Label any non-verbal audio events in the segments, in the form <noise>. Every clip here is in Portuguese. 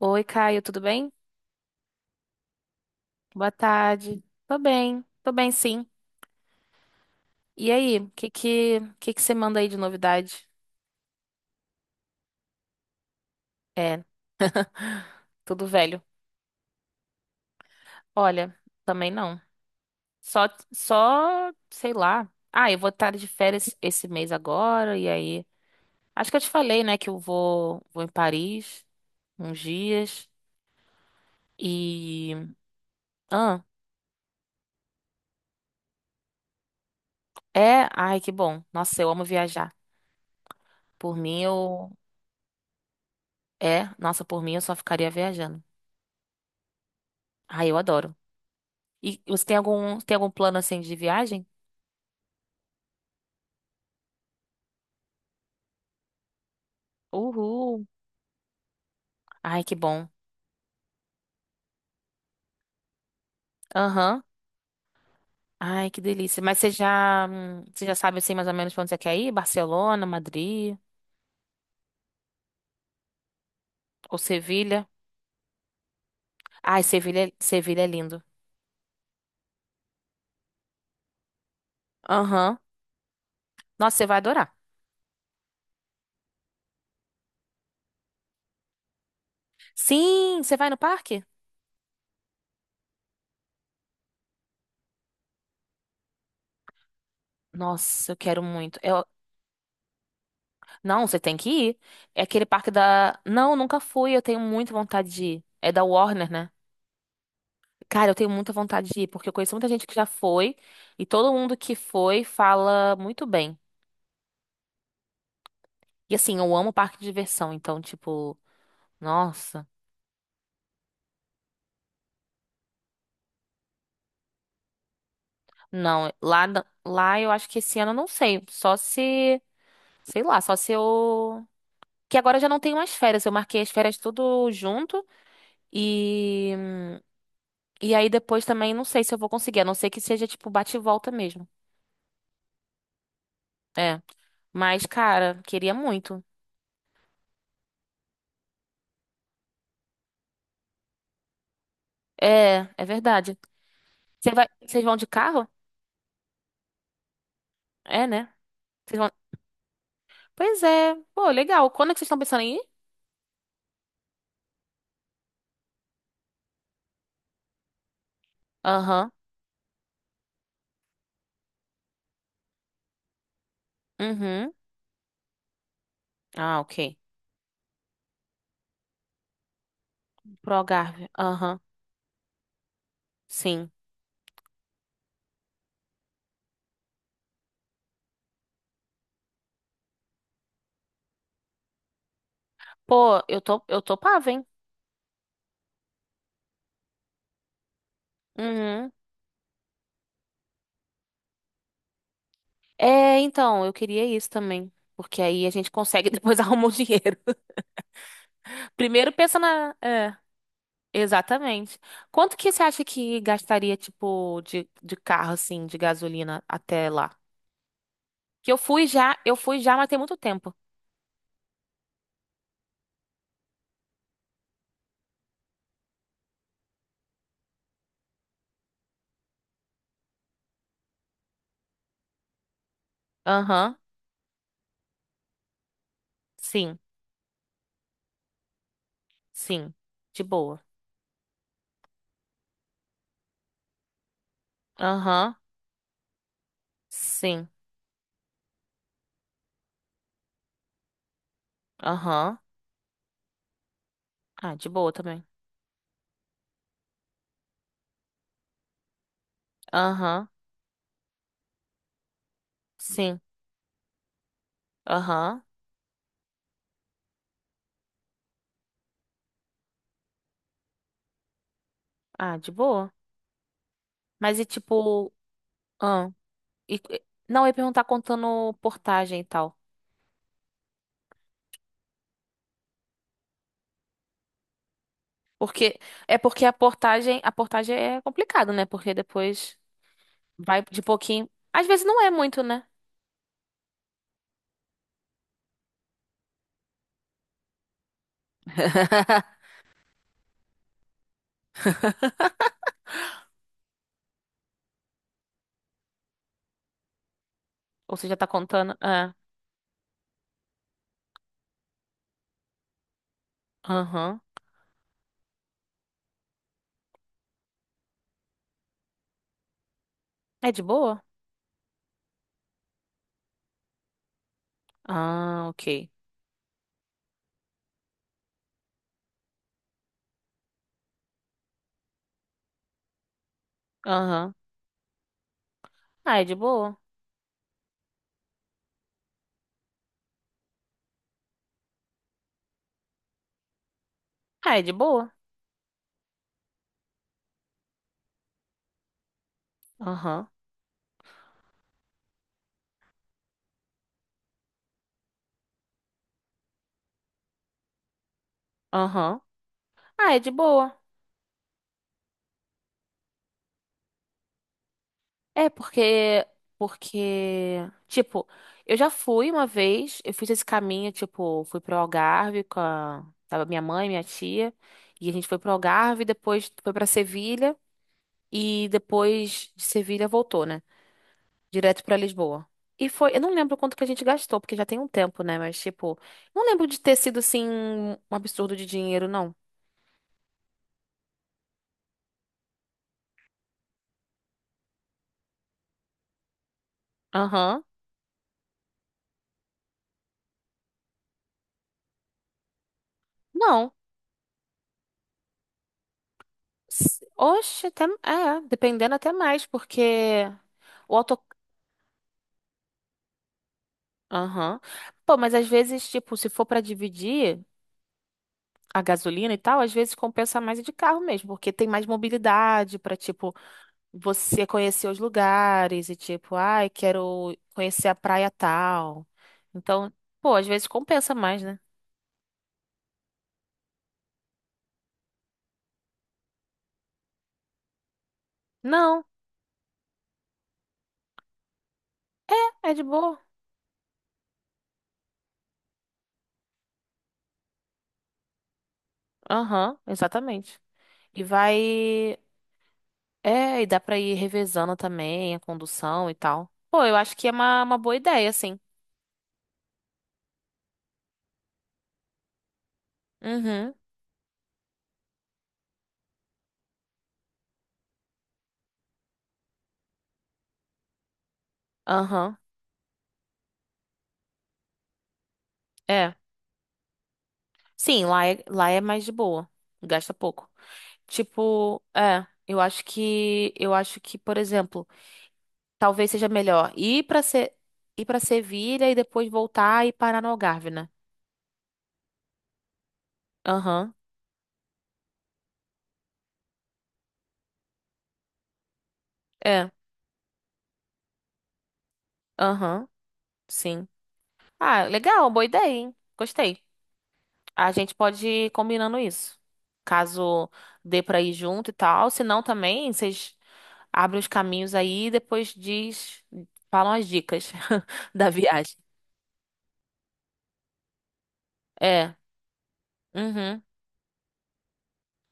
Oi, Caio, tudo bem? Boa tarde. Tô bem sim. E aí, que que você manda aí de novidade? É, <laughs> tudo velho. Olha, também não. Só, só, sei lá. Eu vou estar de férias esse mês agora, e aí. Acho que eu te falei, né, que eu vou em Paris uns dias. E. Ah, é? Ai, que bom. Nossa, eu amo viajar. Por mim, eu. É, nossa, por mim eu só ficaria viajando. Ai, eu adoro. E você tem algum plano assim de viagem? Uhul. Ai, que bom. Aham. Ai, que delícia. Mas você já sabe assim mais ou menos pra onde você quer ir? Barcelona, Madrid ou Sevilha? Ai, Sevilha, Sevilha é lindo. Aham. Nossa, você vai adorar. Sim, você vai no parque? Nossa, eu quero muito. Eu... Não, você tem que ir. É aquele parque da. Não, nunca fui. Eu tenho muita vontade de ir. É da Warner, né? Cara, eu tenho muita vontade de ir, porque eu conheço muita gente que já foi e todo mundo que foi fala muito bem. E assim, eu amo parque de diversão, então, tipo, nossa. Não, lá, lá eu acho que esse ano eu não sei. Só se, sei lá, só se eu. Que agora eu já não tenho mais férias. Eu marquei as férias tudo junto e. E aí depois também não sei se eu vou conseguir, a não ser que seja, tipo, bate e volta mesmo. É. Mas, cara, queria muito. É, é verdade. Você vai... Vocês vão de carro? É, né? Pois é. Pô, legal. Quando é que vocês estão pensando em ir? Aham. Uhum. Ah, ok. Pro Algarve. Aham. Sim. Pô, eu topava, hein? Uhum. É, então, eu queria isso também. Porque aí a gente consegue <laughs> depois arrumar o dinheiro. <laughs> Primeiro pensa na. É, exatamente. Quanto que você acha que gastaria, tipo, de carro, assim, de gasolina até lá? Que eu fui já, mas tem muito tempo. Aham. Sim, sim. De boa. Aham. Sim. Aham. Ah, de boa também. Aham. Sim. Aham. Ah, de boa. Mas e tipo. Ah, e, e- não, eu ia perguntar contando portagem e tal. Porque. É porque a portagem. A portagem é complicado, né? Porque depois vai de pouquinho. Às vezes não é muito, né? <laughs> Ou você já tá contando. É. Aham. É de boa? Ah, ok. Aham. Ah, é de boa? Ah, é de boa? Aham. Aham. Ah, é de boa. É, porque, tipo, eu já fui uma vez, eu fiz esse caminho, tipo, fui pro Algarve com a, tava minha mãe, minha tia, e a gente foi pro Algarve, depois foi pra Sevilha, e depois de Sevilha voltou, né? Direto pra Lisboa. E foi, eu não lembro quanto que a gente gastou, porque já tem um tempo, né? Mas, tipo, não lembro de ter sido, assim, um absurdo de dinheiro, não. Aham. Não. Oxe, até, é, dependendo até mais, porque... O. Aham. Pô, mas às vezes, tipo, se for pra dividir a gasolina e tal, às vezes compensa mais ir de carro mesmo, porque tem mais mobilidade pra, tipo, você conhecer os lugares e, tipo, ai, quero conhecer a praia tal. Então, pô, às vezes compensa mais, né? Não, é de boa. Aham, exatamente. E vai. É, e dá pra ir revezando também a condução e tal. Pô, eu acho que é uma boa ideia, assim. Uhum, aham. É. Sim, lá é mais de boa. Gasta pouco. Tipo, é, eu acho que, por exemplo, talvez seja melhor ir pra Se, ir para Sevilha e depois voltar e parar no Algarve, né? Aham. É. Aham. Sim. Ah, legal, boa ideia, hein? Gostei. A gente pode ir combinando isso. Caso dê pra ir junto e tal, se não também, vocês abrem os caminhos aí e depois diz, falam as dicas <laughs> da viagem. É. Uhum.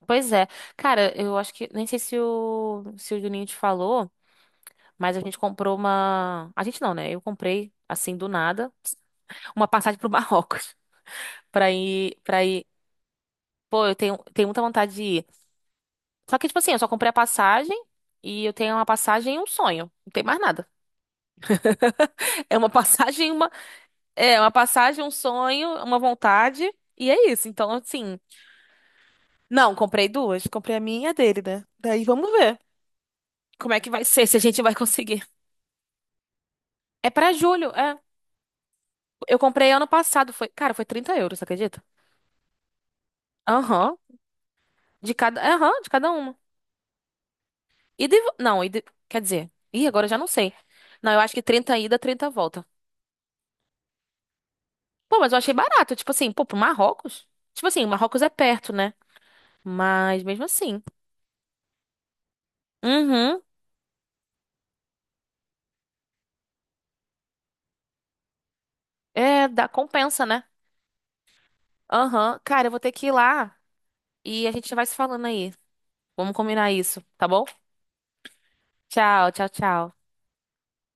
Pois é. Cara, eu acho que. Nem sei se o Juninho te falou, mas a gente comprou uma. A gente não, né? Eu comprei, assim, do nada, uma passagem pro Marrocos. <laughs> Pra ir. Pra ir. Pô, tenho muita vontade de ir. Só que, tipo assim, eu só comprei a passagem e eu tenho uma passagem e um sonho. Não tem mais nada. <laughs> É uma passagem, uma. É, uma passagem, um sonho, uma vontade. E é isso. Então, assim. Não, comprei duas. Comprei a minha e a dele, né? Daí vamos ver como é que vai ser, se a gente vai conseguir. É pra julho, é. Eu comprei ano passado, foi, cara, foi 30 euros, você acredita? Aham, aham, de cada uma. E de, não, e de, quer dizer, ih, agora eu já não sei. Não, eu acho que 30 ida, 30 volta. Pô, mas eu achei barato, tipo assim, pô, pro Marrocos? Tipo assim, o Marrocos é perto, né? Mas mesmo assim. Uhum. É, dá compensa, né? Aham. Cara, eu vou ter que ir lá e a gente vai se falando aí. Vamos combinar isso, tá bom? Tchau, tchau, tchau.